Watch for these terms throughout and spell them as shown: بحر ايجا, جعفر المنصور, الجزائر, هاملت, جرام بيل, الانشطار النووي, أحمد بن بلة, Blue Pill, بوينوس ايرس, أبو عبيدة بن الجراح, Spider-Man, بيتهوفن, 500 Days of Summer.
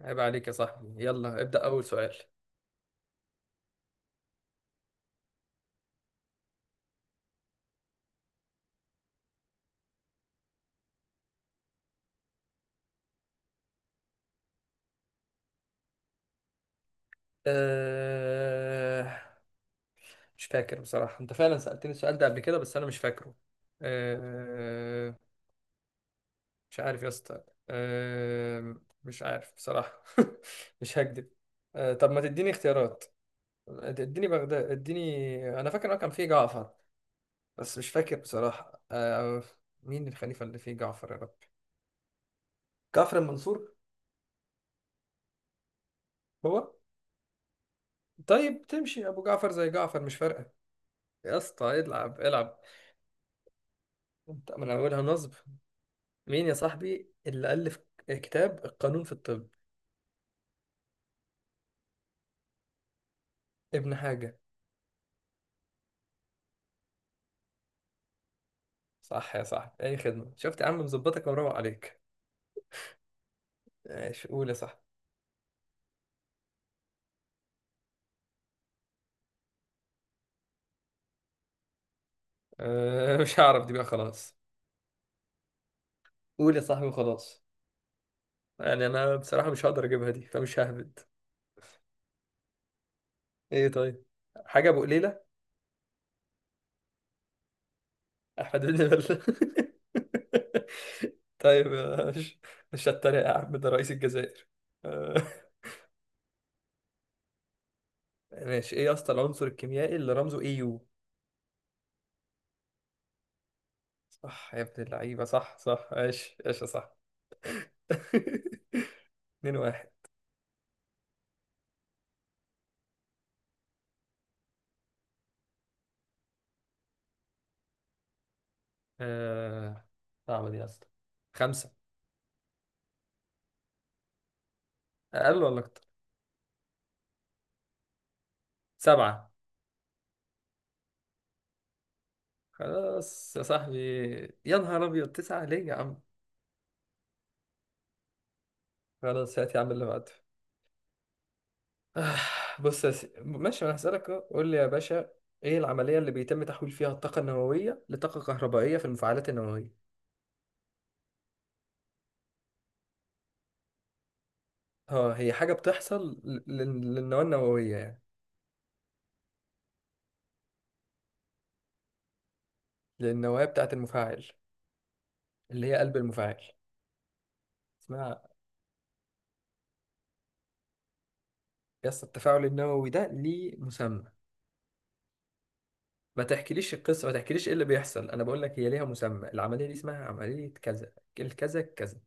عيب عليك يا صاحبي، يلا ابدأ أول سؤال. أه... مش فاكر بصراحة، أنت فعلا سألتني السؤال ده قبل كده بس أنا مش فاكره. أه... مش عارف يا اسطى. أه... مش عارف بصراحة. مش هكدب. طب ما تديني اختيارات، اديني بغداد، اديني، أنا فاكر كان فيه جعفر، بس مش فاكر بصراحة. مين الخليفة اللي فيه جعفر؟ يا رب، جعفر المنصور. هو. طيب، تمشي أبو جعفر زي جعفر، مش فارقة. يا اسطى العب العب، انت من اولها نصب. مين يا صاحبي اللي الف كتاب القانون في الطب؟ ابن حاجه. صح يا صاحبي، اي خدمه، شفت يا عم، مظبطك ومروق عليك. ماشي، قول يا صاحبي. مش هعرف دي بقى، خلاص. قول يا صاحبي وخلاص. يعني انا بصراحه مش هقدر اجيبها دي، فمش ههبد. ايه؟ طيب، حاجه ابو قليله. احمد بن بل. طيب. مش مش هتريق يا عم، ده رئيس الجزائر. أه، ماشي، ايه يا اسطى العنصر الكيميائي اللي رمزه اي يو؟ صح يا ابن اللعيبة، صح صح، ايش ايش، صح. 2-1. آه... صعبة دي أصلا. خمسة. أقل ولا أكتر؟ سبعة. خلاص يا صاحبي. يا نهار أبيض، تسعة ليه يا عم؟ خلاص، هات يا عم اللي بعده. آه... ماشي، أنا هسألك أهو. قول لي يا باشا، إيه العملية اللي بيتم تحويل فيها الطاقة النووية لطاقة كهربائية في المفاعلات النووية؟ اه، هي حاجة بتحصل للنواة النووية يعني، للنواة بتاعة المفاعل، اللي هي قلب المفاعل. اسمها يس التفاعل النووي ده ليه مسمى. ما تحكيليش القصة، ما تحكيليش ايه اللي بيحصل، انا بقول لك هي ليها مسمى، العملية دي اسمها عملية كذا، الكذا كذا.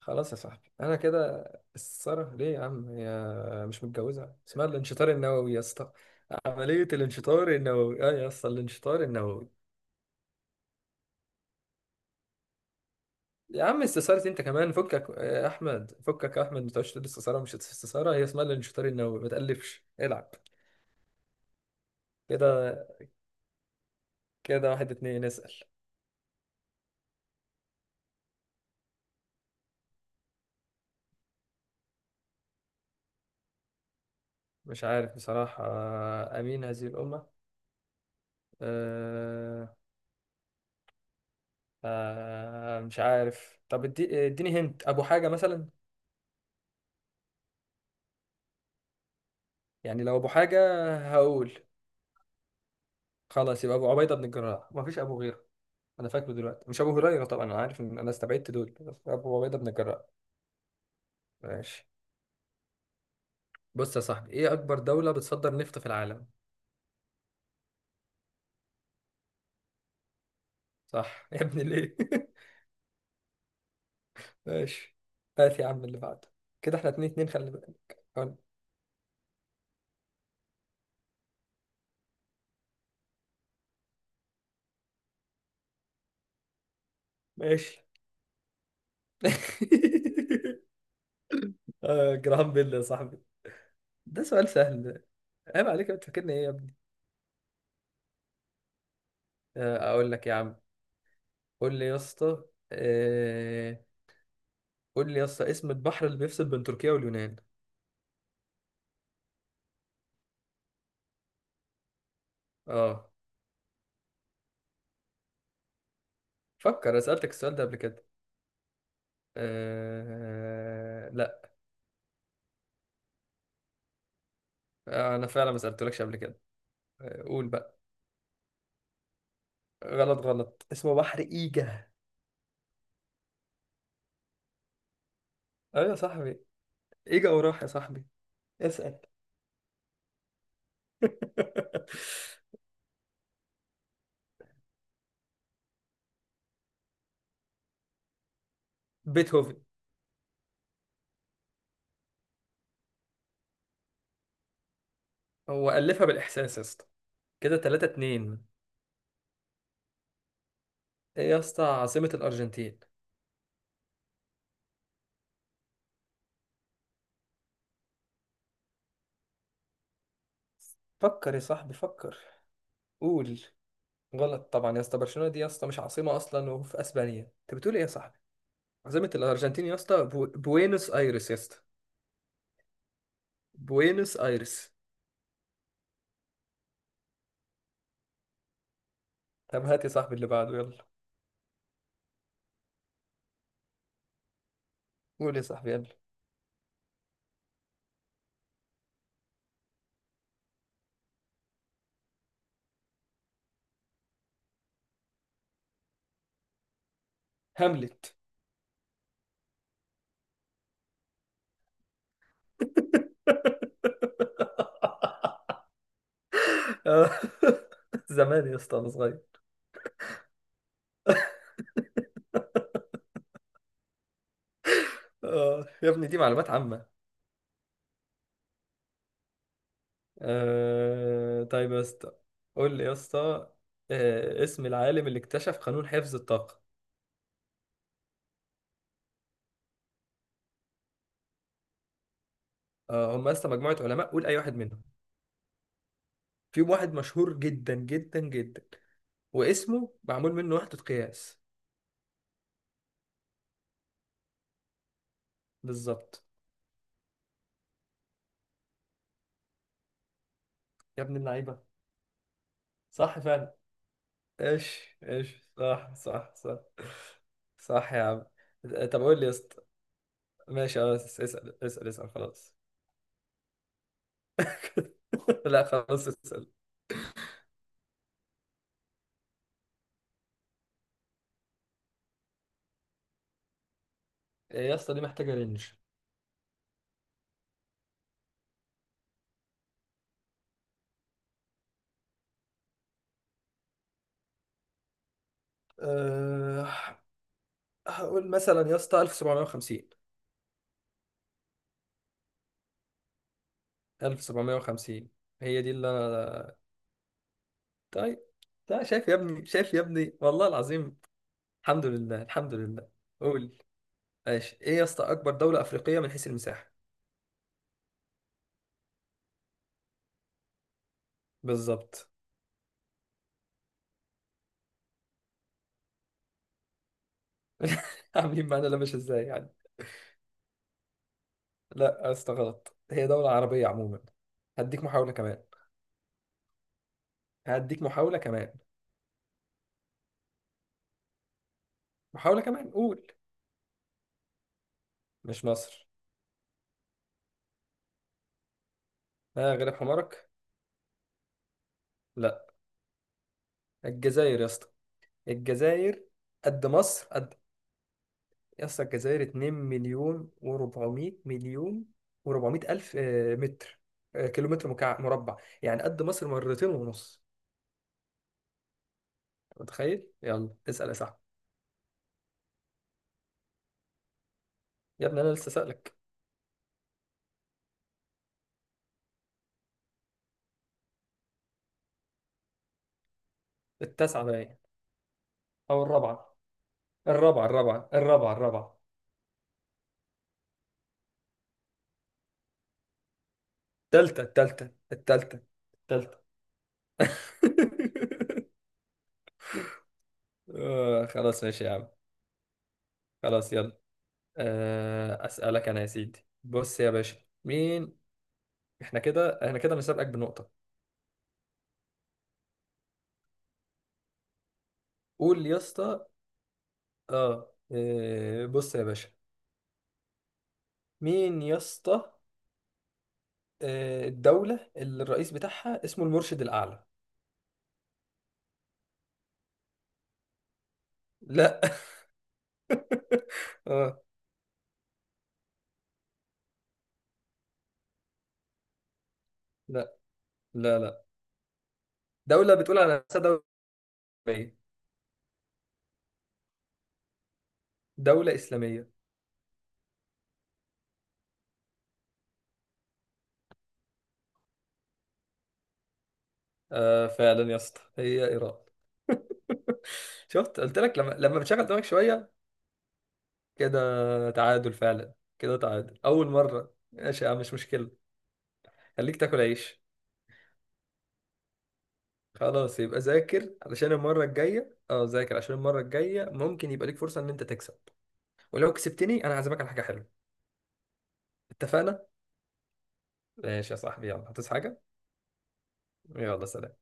خلاص يا صاحبي انا كده. السارة ليه يا عم، هي مش متجوزة، اسمها الانشطار النووي يا اسطى. عملية الانشطار النووي، اه يا اسطى، الانشطار النووي. يا عم استثارة؟ انت كمان فكك يا احمد، فكك يا احمد، ما تقعدش تقول استثارة مش استثارة، هي اسمها الانشطار النووي، ما تقلفش العب. كده، كده واحد اتنين، اسأل. مش عارف بصراحة، آه، أمين هذه الأمة. أه أه مش عارف، طب اديني هنت أبو حاجة مثلا. يعني لو أبو حاجة، هقول خلاص يبقى أبو عبيدة بن الجراح، مفيش أبو غيره. أنا فاكره دلوقتي، مش أبو هريرة طبعا، أنا عارف إن أنا استبعدت دول، بس أبو عبيدة بن الجراح. ماشي. بص يا صاحبي، إيه أكبر دولة بتصدر نفط في العالم؟ صح يا ابني، ليه؟ ماشي. هات يا عم اللي بعده، كده احنا 2-2، خلي بالك. حلو. ماشي. جرام بيل يا صاحبي، ده سؤال سهل ده. عيب عليك، بتفكرني ايه يا ابني؟ اقول لك يا عم، قول لي يا اسطى. آه، قول لي يا اسطى، اسم البحر اللي بيفصل بين تركيا واليونان. اه، فكر، أنا سألتك السؤال ده قبل كده؟ لا. انا فعلا ما سألتلكش قبل كده. قول بقى. غلط غلط، اسمه بحر ايجا. ايوه يا صاحبي، ايجا، وراح يا صاحبي، اسأل. بيتهوفن. هو ألفها بالإحساس يا اسطى. كده 3-2. ايه يا اسطى عاصمة الأرجنتين؟ فكر يا صاحبي فكر. قول. غلط طبعا يا اسطى، برشلونه دي يا اسطى مش عاصمه اصلا وفي اسبانيا، انت بتقول ايه يا صاحبي؟ عاصمه الارجنتين يا اسطى بوينوس ايرس يا اسطى. بوينوس ايرس. طب هات يا صاحبي اللي بعده يلا. قول يا صاحبي يلا. هاملت. آه. زمان يا اسطى انا صغير. يا ابني دي معلومات عامه. طيب يا اسطى. قول لي يا اسطى، اسم العالم اللي اكتشف قانون حفظ الطاقه. هم يا اسطى مجموعه علماء، قول اي واحد منهم. في واحد مشهور جدا جدا جدا، واسمه معمول منه وحدة قياس. بالظبط. يا ابن اللعيبة، صح فعلا. ايش ايش، صح صح صح. صح يا عم. طب قول لي يا اسطى. ماشي، اه، اسأل اسأل اسأل، خلاص. لا خلاص، اسأل. إيه يا اسطى دي محتاجة رينج. أه... هقول مثلا يا اسطى 1750. 1750 هي دي اللي انا. طيب، لا شايف يا ابني، شايف يا ابني والله العظيم. الحمد لله، الحمد لله. قول. ماشي، ايه يا اسطى اكبر دولة افريقية من حيث المساحة؟ بالظبط. عاملين معانا، لا مش، ازاي يعني. لا يا اسطى غلط، هي دولة عربية عموما. هديك محاولة كمان. هديك محاولة كمان. محاولة كمان، قول. مش مصر. ها، غلب حمارك. لا، الجزائر يا اسطى، الجزائر. قد مصر قد. يا اسطى الجزائر 2 مليون و400 مليون، و400 الف متر، كيلومتر مربع. يعني قد مصر مرتين ونص. متخيل، يلا اسأل يا صاحبي. يا ابني انا لسه سألك. التاسعة باين، او الرابعة. الرابعة الرابعة الرابعة الرابعة. التالتة التالتة التالتة التالتة. خلاص ماشي يا عم. خلاص يلا. اسألك انا يا سيدي، بص يا باشا. مين؟ احنا كده مسابقك بنقطة. قول يا اسطى. بص يا باشا. مين يا اسطى. الدولة اللي الرئيس بتاعها اسمه المرشد الأعلى. لا اه. لا لا. لا دولة بتقول على نفسها دولة إسلامية. دولة إسلامية. آه، فعلا يا اسطى هي إيران. شفت، قلت لك، لما بتشغل دماغك شوية، كده تعادل فعلا. كده تعادل أول مرة، ماشي يا عم مش مشكلة. خليك تاكل عيش. خلاص يبقى ذاكر علشان المرة الجاية، اه ذاكر عشان المرة الجاية، ممكن يبقى ليك فرصة إن أنت تكسب. ولو كسبتني أنا هعزمك على حاجة حلوة. اتفقنا؟ ماشي يا صاحبي، يلا هتصحى حاجة؟ يلا، سلام.